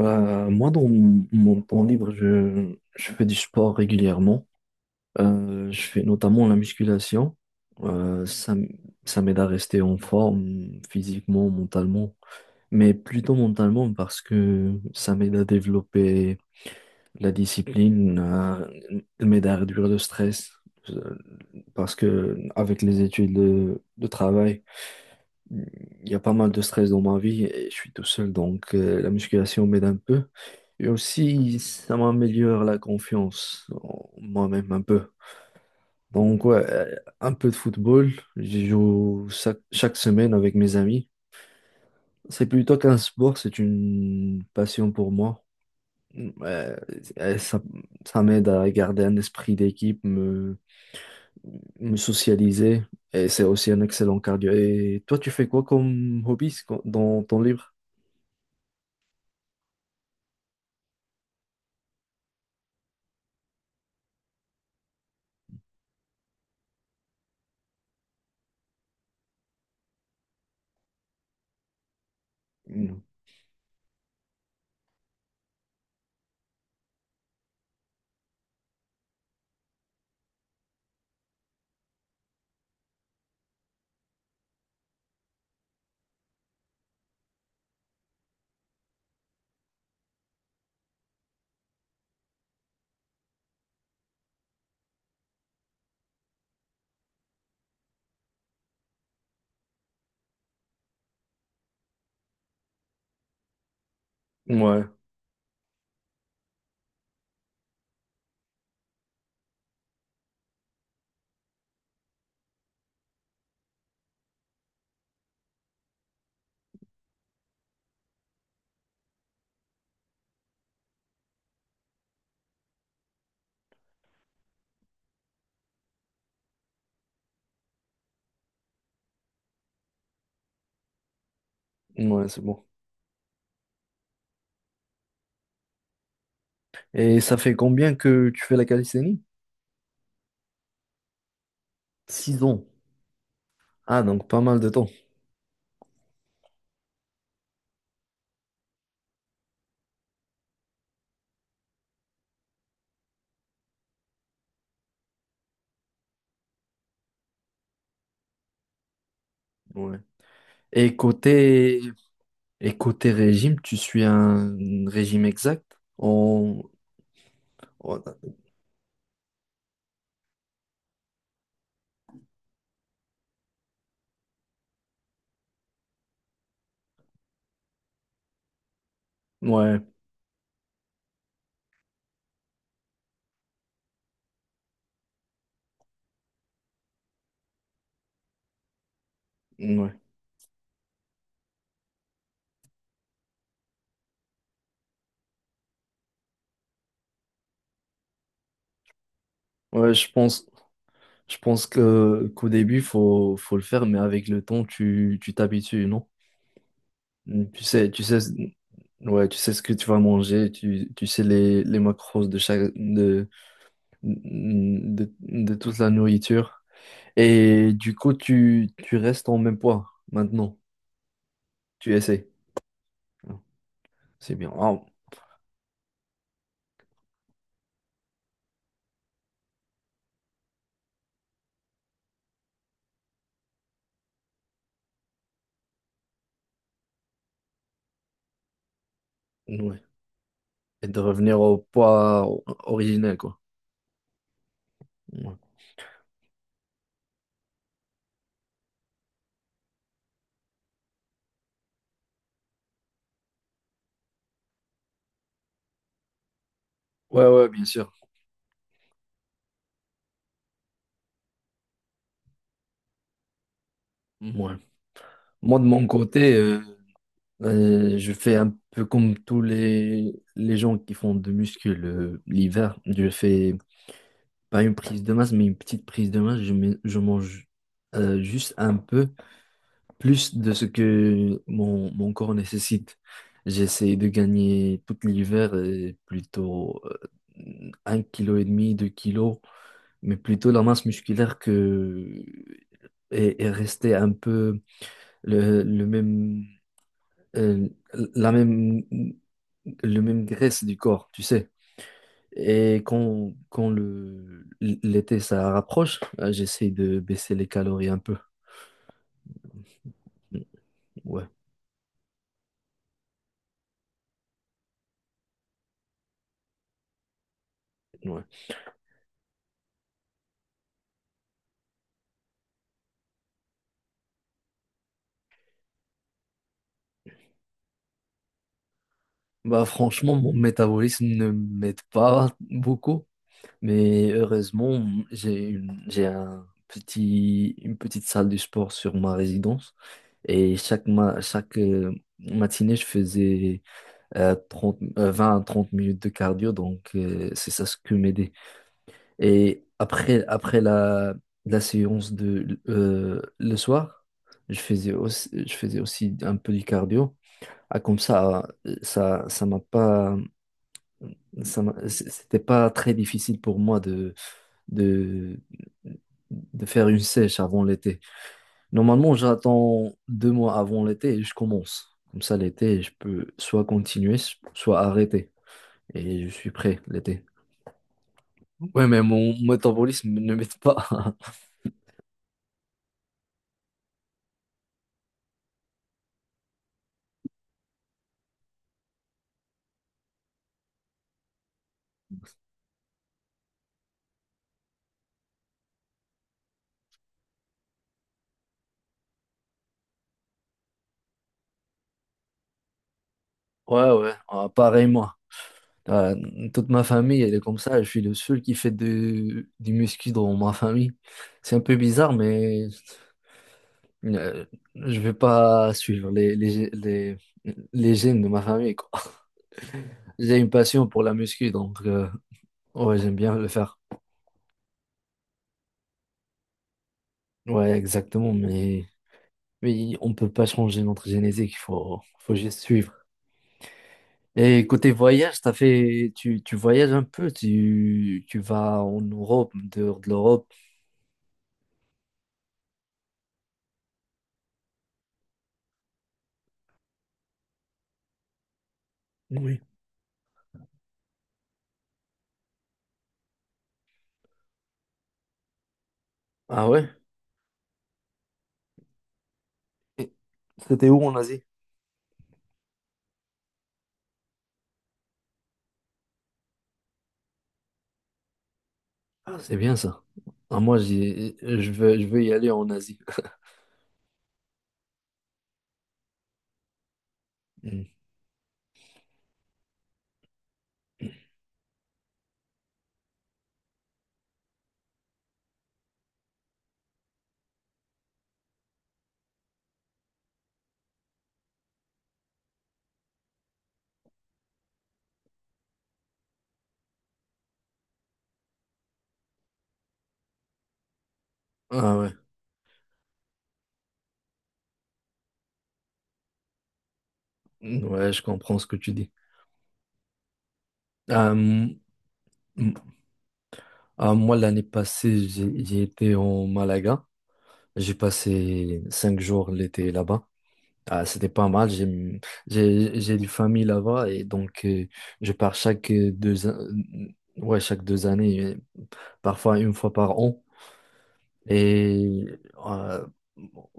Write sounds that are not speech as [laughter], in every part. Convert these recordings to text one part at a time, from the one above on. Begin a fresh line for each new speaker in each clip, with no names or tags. Moi, dans mon temps libre, je fais du sport régulièrement. Je fais notamment la musculation. Euh, ça, m- Ça m'aide à rester en forme physiquement, mentalement, mais plutôt mentalement parce que ça m'aide à développer la m'aide à réduire le stress. euh, Parce que avec les études de travail, il y a pas mal de stress dans ma vie et je suis tout seul, donc la musculation m'aide un peu. Et aussi, ça m'améliore la confiance en moi-même un peu. Donc, ouais, un peu de football. Je joue chaque semaine avec mes amis. C'est plutôt qu'un sport, c'est une passion pour moi. Mm. Et ça m'aide à garder un esprit d'équipe, me socialiser. Et c'est aussi un excellent cardio. Et toi, tu fais quoi comme hobby dans ton livre? Mm. Ouais, ouais, c'est bon. Et ça fait combien que tu fais la calisthénie? 6 ans. Ah, donc pas mal de temps. Ouais. Et côté, et côté régime, tu suis un régime exact? On... on... Ouais, ouais. Ouais, je pense, je pense que qu'au début, faut le faire, mais avec le temps, tu t'habitues, non? Tu sais, tu sais, ouais, tu sais ce que tu vas manger, tu sais les macros de chaque, de toute la nourriture. Et du coup, tu restes en même poids maintenant. Tu essaies. C'est bien. Ah, ouais. Et de revenir au poids o- originel, quoi. Ouais, ouais, bien sûr. Ouais. Moi, de mon côté, je fais un peu comme tous les gens qui font de muscu l'hiver. Je fais pas une prise de masse, mais une petite prise de masse, je mange juste un peu plus de ce que mon corps nécessite. J'essaie de gagner tout l'hiver plutôt un kilo et demi, 2 kilos, mais plutôt la masse musculaire que et rester un peu le même euh, la même le même graisse du corps, tu sais. Et l'été, ça rapproche, j'essaie de baisser les calories un peu. Ouais, ouais. Bah, franchement, mon métabolisme ne m'aide pas beaucoup, mais heureusement, j'ai un petit, une petite salle de sport sur ma résidence et chaque matinée, je faisais 30, 20 à 30 minutes de cardio, donc c'est ça ce que m'aidait. Et après la séance de le soir, je faisais aussi un peu du cardio. Ah, comme ça, ça, ça m'a pas, ça m'a- c- c'était pas très difficile pour moi de, de faire une sèche avant l'été. Normalement, j'attends 2 mois avant l'été et je commence. Comme ça, l'été, je peux soit continuer, soit arrêter. Et je suis prêt l'été. Ouais, mais mon métabolisme ne m'aide pas. [laughs] Ouais, ouais, ah, pareil moi. Euh, Toute ma famille, elle est comme ça. Je suis le seul qui fait du muscu dans ma famille. C'est un peu bizarre, mais euh, je vais pas suivre les gènes de ma famille, quoi. [laughs] J'ai une passion pour la muscu, donc ouais, j'aime bien le faire. Ouais, exactement, mais on peut pas changer notre génétique, faut juste suivre. Et côté voyage, tu voyages un peu, tu vas en Europe, en dehors de l'Europe. Oui. Ah ouais? Et c'était où en Asie? Ah, c'est bien ça. Ah, moi, je veux y aller en Asie. [laughs] Hmm. Ah ouais, ouais, je comprends ce que tu dis. Euh, m- m- ah, moi, l'année passée, j'ai été en Malaga. J'ai passé 5 jours l'été là-bas. Ah, c'était pas mal. J'ai une famille là-bas et donc je pars ouais chaque 2 années, parfois une fois par an. Et euh,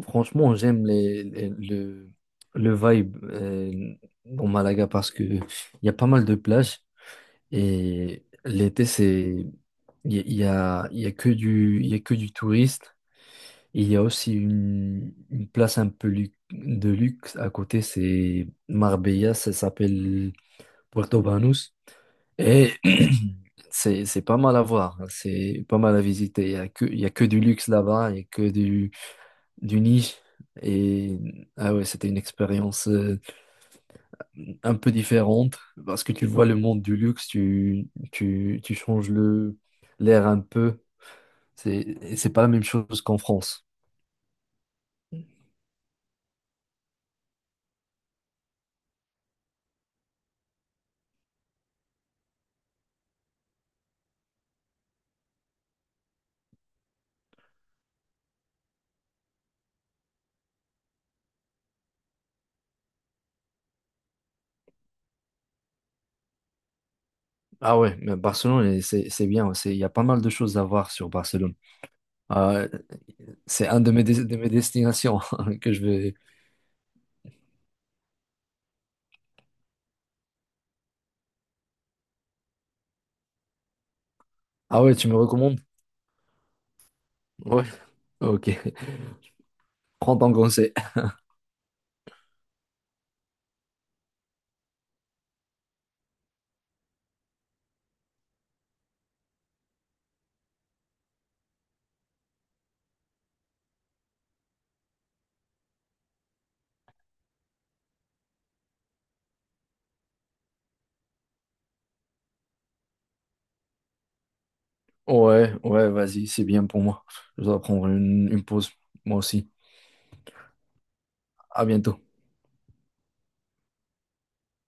franchement, j'aime le vibe dans Malaga parce que il y a pas mal de plages et l'été, c'est il y, a, il y a il y a que du il y a que du touriste. Et il y a aussi une place un peu de luxe à côté, c'est Marbella, ça s'appelle Puerto Banús et [clears throat] c'est pas mal à voir, c'est pas mal à visiter. Il y a que du luxe là-bas, il y a que du nid. Et ah ouais, c'était une expérience un peu différente parce que tu vois le monde du luxe, tu changes le l'air un peu. C'est, et c'est pas la même chose qu'en France. Ah ouais, mais Barcelone, c'est bien. Il y a pas mal de choses à voir sur Barcelone. Ah, c'est un de mes destinations [laughs] que je vais. Ah ouais, tu me recommandes? Ouais, ok. [laughs] Prends ton conseil. Ouais, ouais, vas-y, c'est bien pour moi. Je dois prendre une pause, moi aussi. À bientôt.